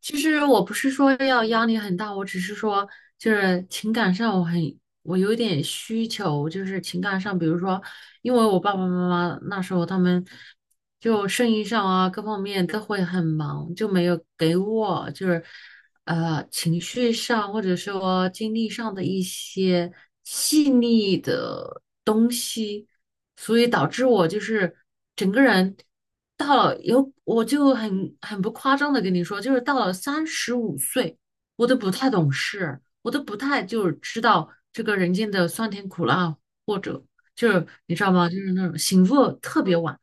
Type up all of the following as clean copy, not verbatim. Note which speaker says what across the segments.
Speaker 1: 其实我不是说要压力很大，我只是说就是情感上我有点需求，就是情感上，比如说，因为我爸爸妈妈那时候他们就生意上啊各方面都会很忙，就没有给我就是情绪上或者说经历上的一些细腻的东西，所以导致我就是整个人到了有我就很不夸张的跟你说，就是到了35岁，我都不太懂事，我都不太就是知道这个人间的酸甜苦辣，或者就是你知道吗？就是那种醒悟特别晚，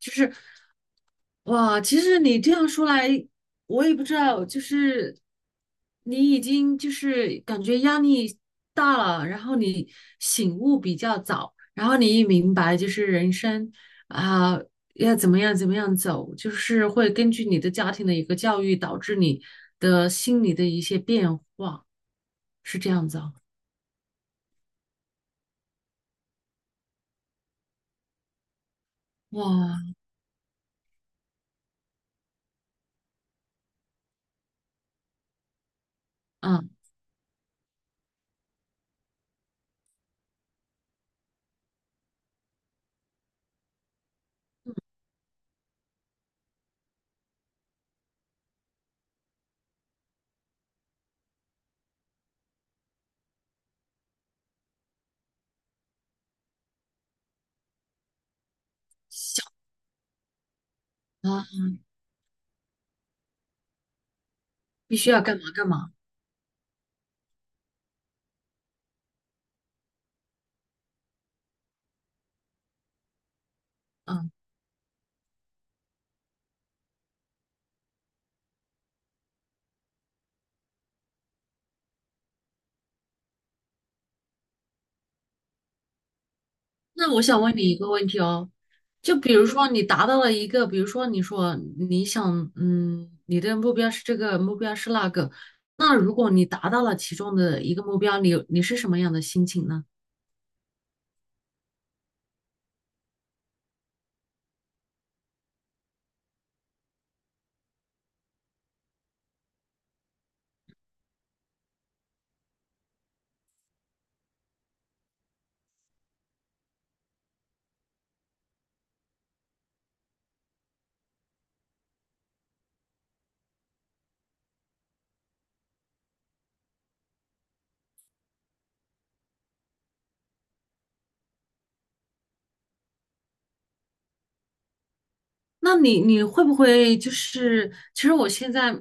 Speaker 1: 就是。哇，其实你这样说来，我也不知道，就是你已经就是感觉压力大了，然后你醒悟比较早，然后你一明白就是人生啊，要怎么样怎么样走，就是会根据你的家庭的一个教育，导致你的心理的一些变化，是这样子啊。哇，嗯啊，必须要干嘛干嘛，嗯。那我想问你一个问题哦，就比如说你达到了一个，比如说你说你想，你的目标是这个，目标是那个，那如果你达到了其中的一个目标，你是什么样的心情呢？那你会不会就是，其实我现在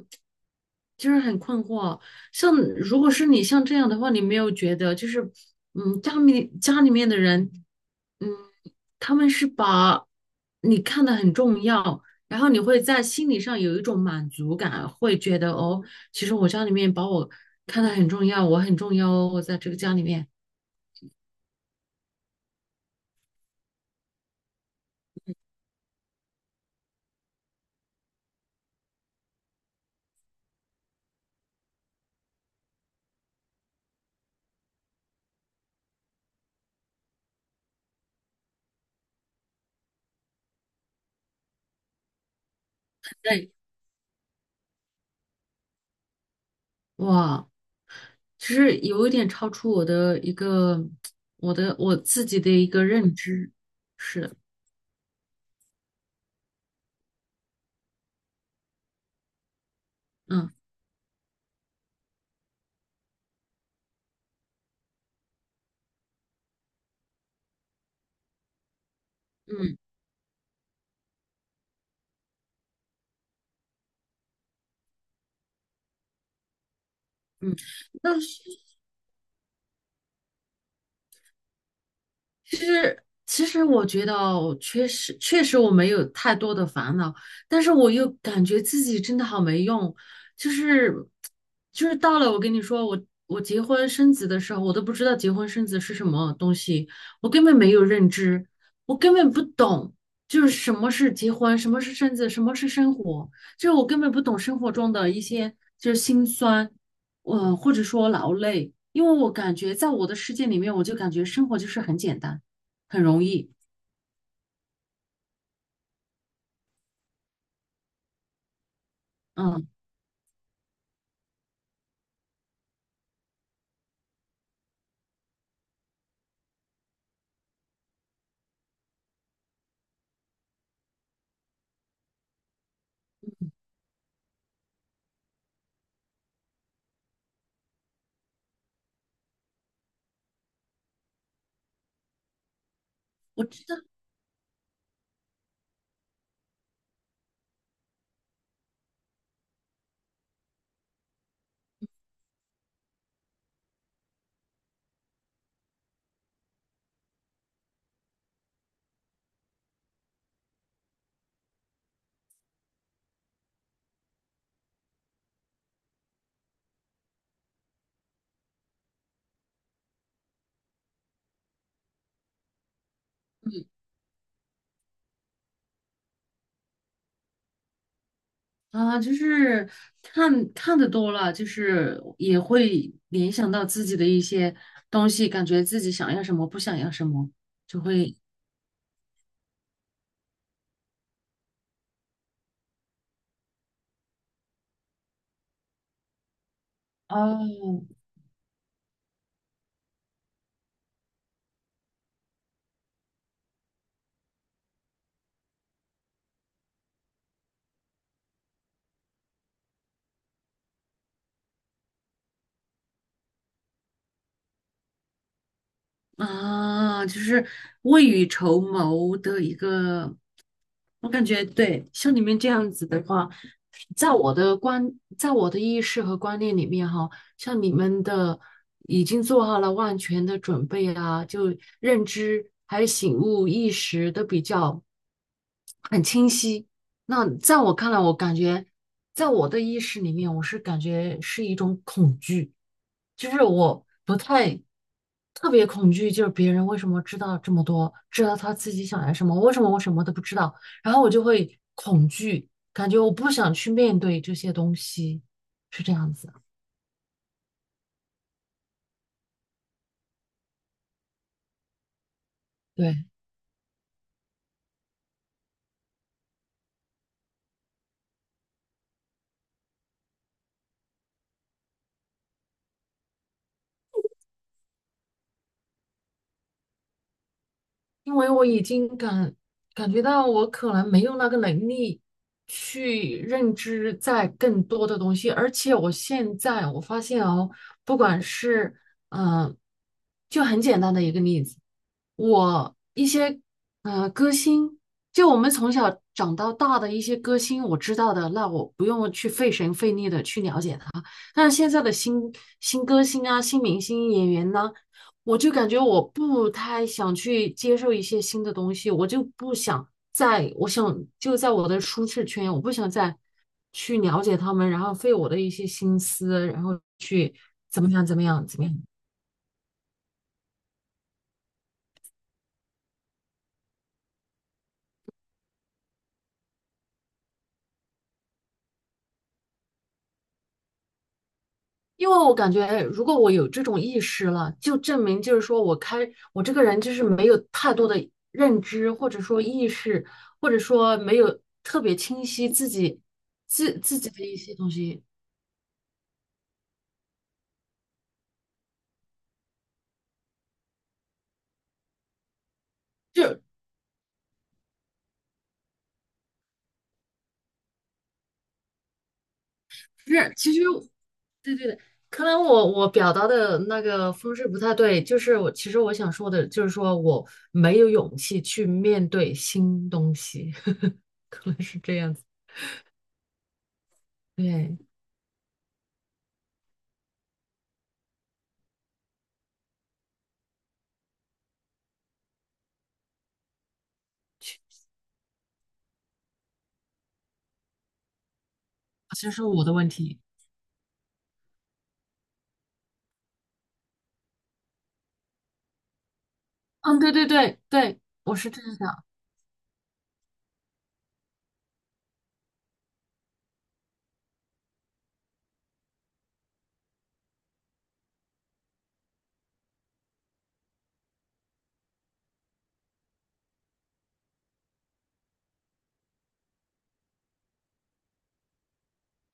Speaker 1: 就是很困惑，像如果是你像这样的话，你没有觉得就是，家里面的人，嗯，他们是把你看得很重要，然后你会在心理上有一种满足感，会觉得哦，其实我家里面把我看得很重要，我很重要哦，我在这个家里面，对，哇。其实有一点超出我的一个我自己的一个认知，是，嗯嗯嗯。那其实，其实我觉得哦，确实，确实我没有太多的烦恼，但是我又感觉自己真的好没用，就是，就是到了我跟你说，我结婚生子的时候，我都不知道结婚生子是什么东西，我根本没有认知，我根本不懂，就是什么是结婚，什么是生子，什么是生活，就是我根本不懂生活中的一些就是辛酸，或者说劳累，因为我感觉在我的世界里面，我就感觉生活就是很简单，很容易。嗯，我知道，嗯啊，就是看看的多了，就是也会联想到自己的一些东西，感觉自己想要什么，不想要什么，就会哦，啊，就是未雨绸缪的一个，我感觉对，像你们这样子的话，在我的观，在我的意识和观念里面哈，像你们的已经做好了万全的准备啊，就认知还有醒悟意识都比较很清晰。那在我看来，我感觉在我的意识里面，我是感觉是一种恐惧。就是我不太特别恐惧，就是别人为什么知道这么多，知道他自己想要什么，为什么我什么都不知道，然后我就会恐惧，感觉我不想去面对这些东西，是这样子。对，因为我已经感觉到我可能没有那个能力去认知在更多的东西，而且我现在我发现哦，不管是嗯、呃就很简单的一个例子，我一些歌星，就我们从小长到大的一些歌星，我知道的，那我不用去费神费力的去了解他，但是现在的新歌星啊、新明星演员呢、我就感觉我不太想去接受一些新的东西，我就不想在，我想就在我的舒适圈，我不想再去了解他们，然后费我的一些心思，然后去怎么样。因为我感觉，哎如果我有这种意识了，就证明就是说我这个人就是没有太多的认知，或者说意识，或者说没有特别清晰自己的一些东西。就是其实对，可能我表达的那个方式不太对，就是我其实想说的，就是说我没有勇气去面对新东西，可能是这样子。对，其实是我的问题。嗯，对，我是这样想。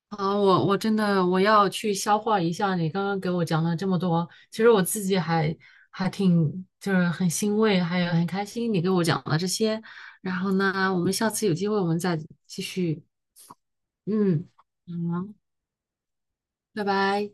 Speaker 1: 好，我真的我要去消化一下你刚刚给我讲了这么多，其实我自己还还挺就是很欣慰，还有很开心你给我讲了这些。然后呢，我们下次有机会我们再继续。嗯，好。拜拜。